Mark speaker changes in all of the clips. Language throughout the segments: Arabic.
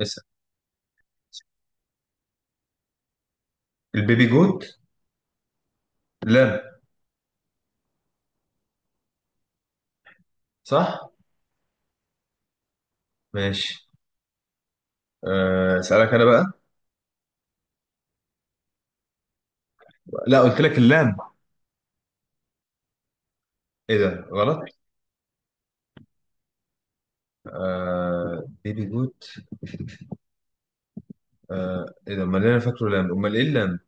Speaker 1: اسأل. البيبي جوت؟ لام. صح. ماشي. آه، اسألك انا بقى. لا، قلت لك اللام. ايه ده؟ غلط؟ آه، بيبي جوت. آه، ايه ده؟ امال إيه؟ انا فاكره لام، امال ايه اللام؟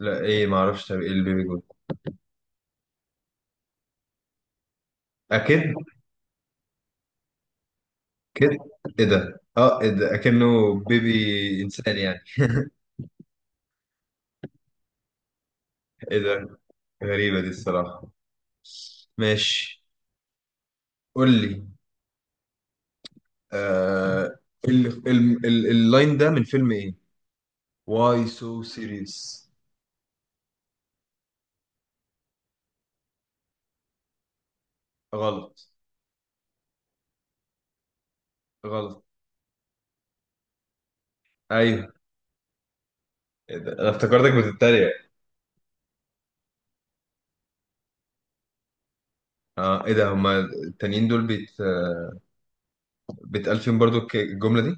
Speaker 1: لا، ايه؟ ما اعرفش. طب ايه البيبي جوت؟ اكيد. كد؟ ايه ده؟ اه ايه ده؟ اكنه بيبي انسان يعني. ايه ده؟ غريبة دي الصراحة. ماشي، قول لي. آه، اللاين ده من فيلم ايه؟ واي سو سيريس. غلط. غلط. ايوه. إيه ده؟ انا افتكرتك بتتريق. اه ايه ده، هما التانيين دول بيت بيتقال فيهم برضو الجملة دي؟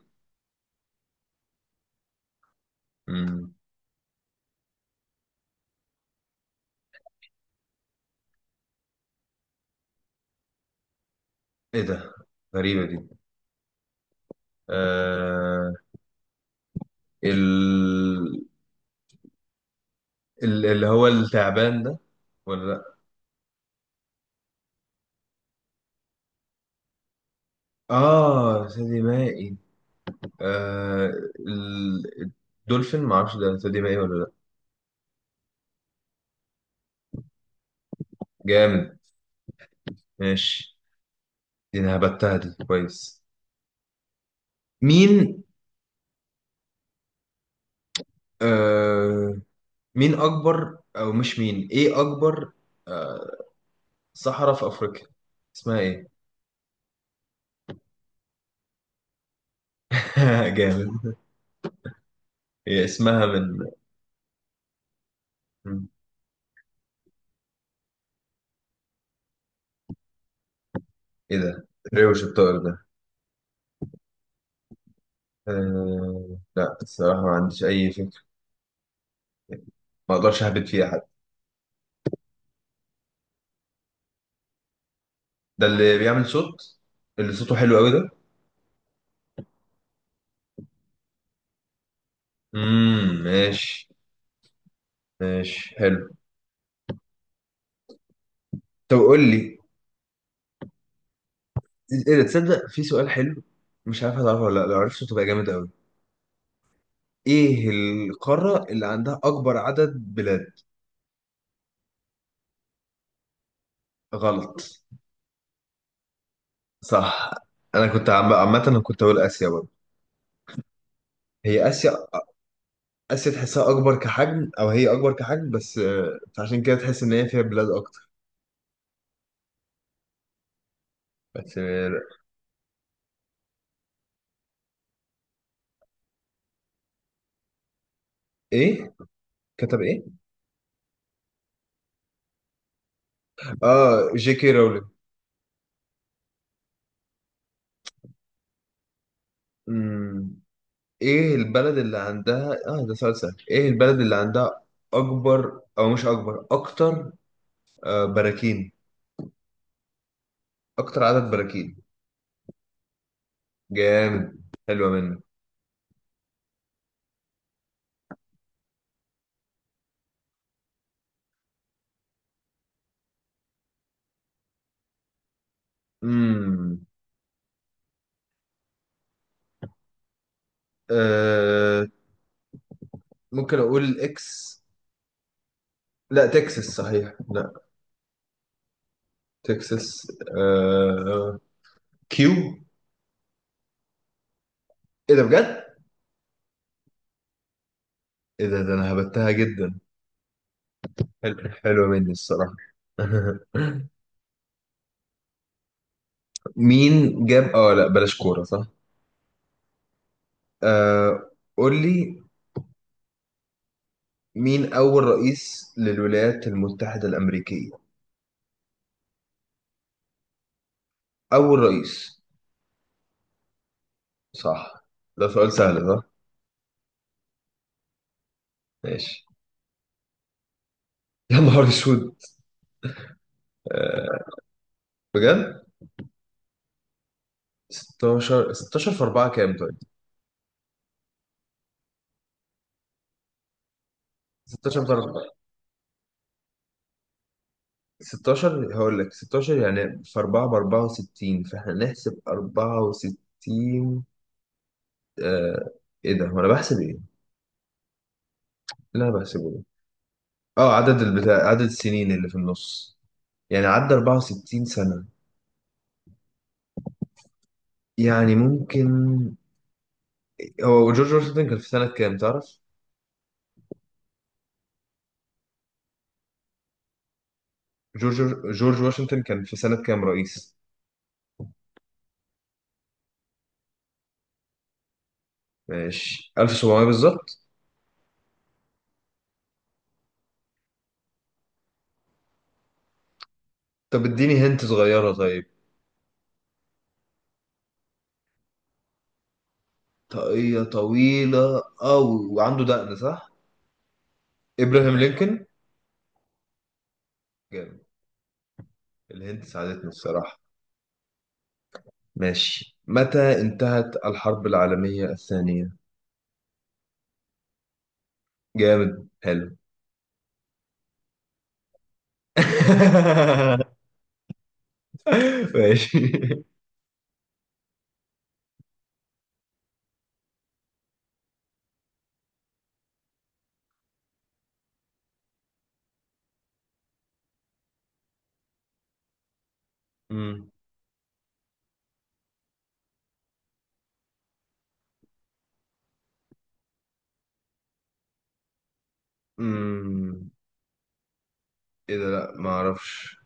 Speaker 1: مم. ايه ده؟ غريبة دي. آه، ال... اللي هو التعبان ده، ولا لا؟ اه، ثدي مائي. آه، ال... الدولفين معرفش ده ثدي مائي ولا لا. جامد. ماشي، دي انا هبتها دي كويس. مين؟ آه، مين اكبر؟ او مش مين، ايه اكبر؟ آه، صحراء في أفريقيا اسمها إيه؟ جامد. هي اسمها من من- إيه ده؟ ريوش الطائر ده؟ لا، الصراحة ما عنديش أي فكرة. ما أقدرش أهبط فيها حد. ده اللي بيعمل صوت، اللي صوته حلو أوي ده؟ امم، ماشي. ماشي، حلو. طب قول لي، إيه ده؟ تصدق في سؤال حلو؟ مش عارف هتعرفه ولا لا، لو عرفته تبقى جامد أوي. إيه القارة اللي عندها أكبر عدد بلاد؟ غلط. صح. أنا كنت عامة أنا كنت أقول آسيا برضه. هي آسيا. اسيا تحسها اكبر كحجم، او هي اكبر كحجم بس، آه، فعشان كده تحس ان هي فيها بلاد اكتر. بس آه، ايه كتب ايه؟ اه، جي كي رولينج. أمم، ايه البلد اللي عندها اه ده سؤال سهل. ايه البلد اللي عندها اكبر، او مش اكبر، اكتر آه براكين؟ اكتر عدد براكين. جامد. حلوه منك. امم، آه، ممكن اقول اكس. لا، تكساس. صحيح، لا تكساس. آه، كيو. ايه ده بجد؟ ايه ده، ده انا هبتها جدا. حلو، حلوة مني الصراحة. مين جاب اه، لا بلاش كورة. صح. آه، قول لي، مين أول رئيس للولايات المتحدة الأمريكية؟ أول رئيس. صح. ده سؤال سهل، صح. ماشي. يا نهار اسود. آه، بجد؟ 16، 16 في 4 كام طيب؟ 16 في 4. 16، هقول لك 16 يعني في 4 ب 64، فاحنا نحسب 64. آه، ايه ده، هو انا بحسب ايه؟ لا، بحسبه ده. اه، عدد البتاع، عدد السنين اللي في النص. يعني عدى 64 سنة، يعني ممكن. هو جورج واشنطن كان في سنة كام تعرف؟ جورج، جورج واشنطن كان في سنة كام رئيس؟ ماشي، 1700 بالظبط. طب اديني هنت صغيرة طيب. طاقية طويلة أوي وعنده دقن، صح؟ إبراهام لينكولن. جامد. الهنت ساعدتني الصراحة. ماشي، متى انتهت الحرب العالمية الثانية؟ جامد، حلو. ماشي. امم، امم، ايه ده؟ لا، ما اعرفش.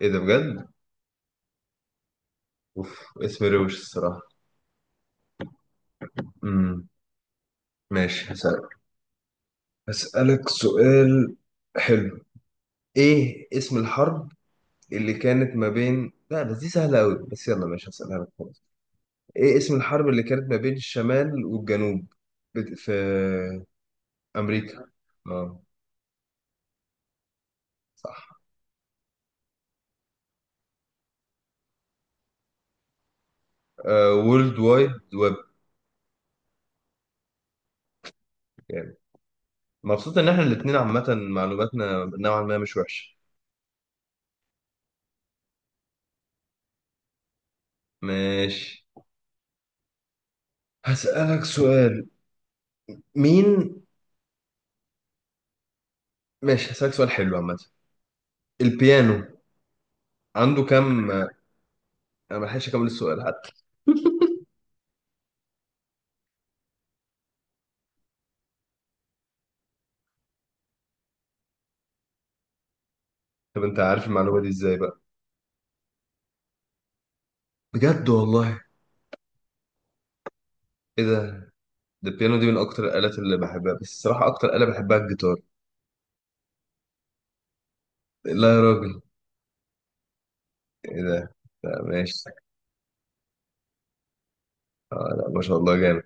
Speaker 1: ايه ده بجد؟ اوف، اسم روش الصراحة. امم، ماشي. هسألك سؤال حلو. ايه اسم الحرب اللي كانت ما بين، لا بس دي سهلة قوي، بس يلا ماشي هسألها لك خلاص. ايه اسم الحرب اللي كانت ما بين الشمال والجنوب في امريكا؟ اه، صح. وورلد وايد ويب يعني. مبسوط ان احنا الاتنين عامة معلوماتنا نوعا ما مش وحشة. ماشي، هسألك سؤال. مين؟ ماشي، هسألك سؤال حلو عامة. البيانو عنده كام؟ انا ما لحقتش اكمل السؤال حتى. طب انت عارف المعلومة دي ازاي بقى؟ بجد والله؟ ايه ده. ده البيانو دي من اكتر الآلات اللي بحبها، بس الصراحة اكتر آلة بحبها الجيتار. لا يا راجل. ايه ده؟ لا، ماشي. لا، ما شاء الله، جامد.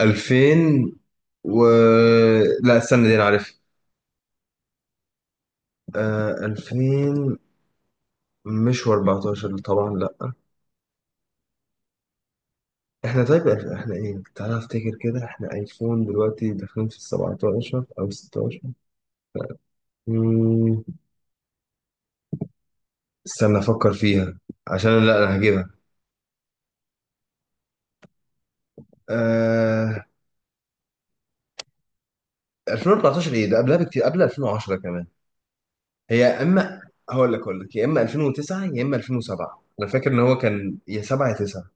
Speaker 1: 2000 و، لا استنى دي انا عارف. آه، 2000، مش و14 طبعا، لا. احنا طيب احنا إحنا ايه، تعالى افتكر كده، احنا ايفون دلوقتي داخلين في السبعتاشر او ستاشر. مم، استنى افكر فيها، عشان لا انا هجيبها. آه... 2014 ايه ده، قبلها بكتير، قبل 2010 كمان. هي يا اما، هقول لك، هقول لك يا اما 2009 يا اما 2007. انا فاكر ان هو كان يا 7 يا 9.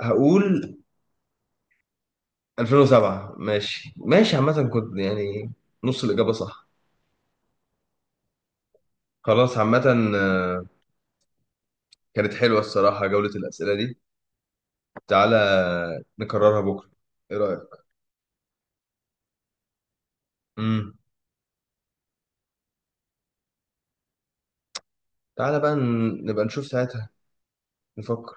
Speaker 1: هقول 2007. ماشي، ماشي، عامة كنت يعني نص الإجابة صح، خلاص عامة. آه، كانت حلوة الصراحة جولة الأسئلة دي. تعالى نكررها بكرة، ايه رأيك؟ امم، تعالى بقى نبقى نشوف ساعتها، نفكر.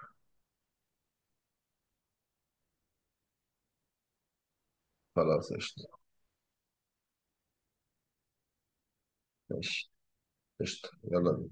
Speaker 1: خلاص قشطة. ماشي، قشطة، يلا.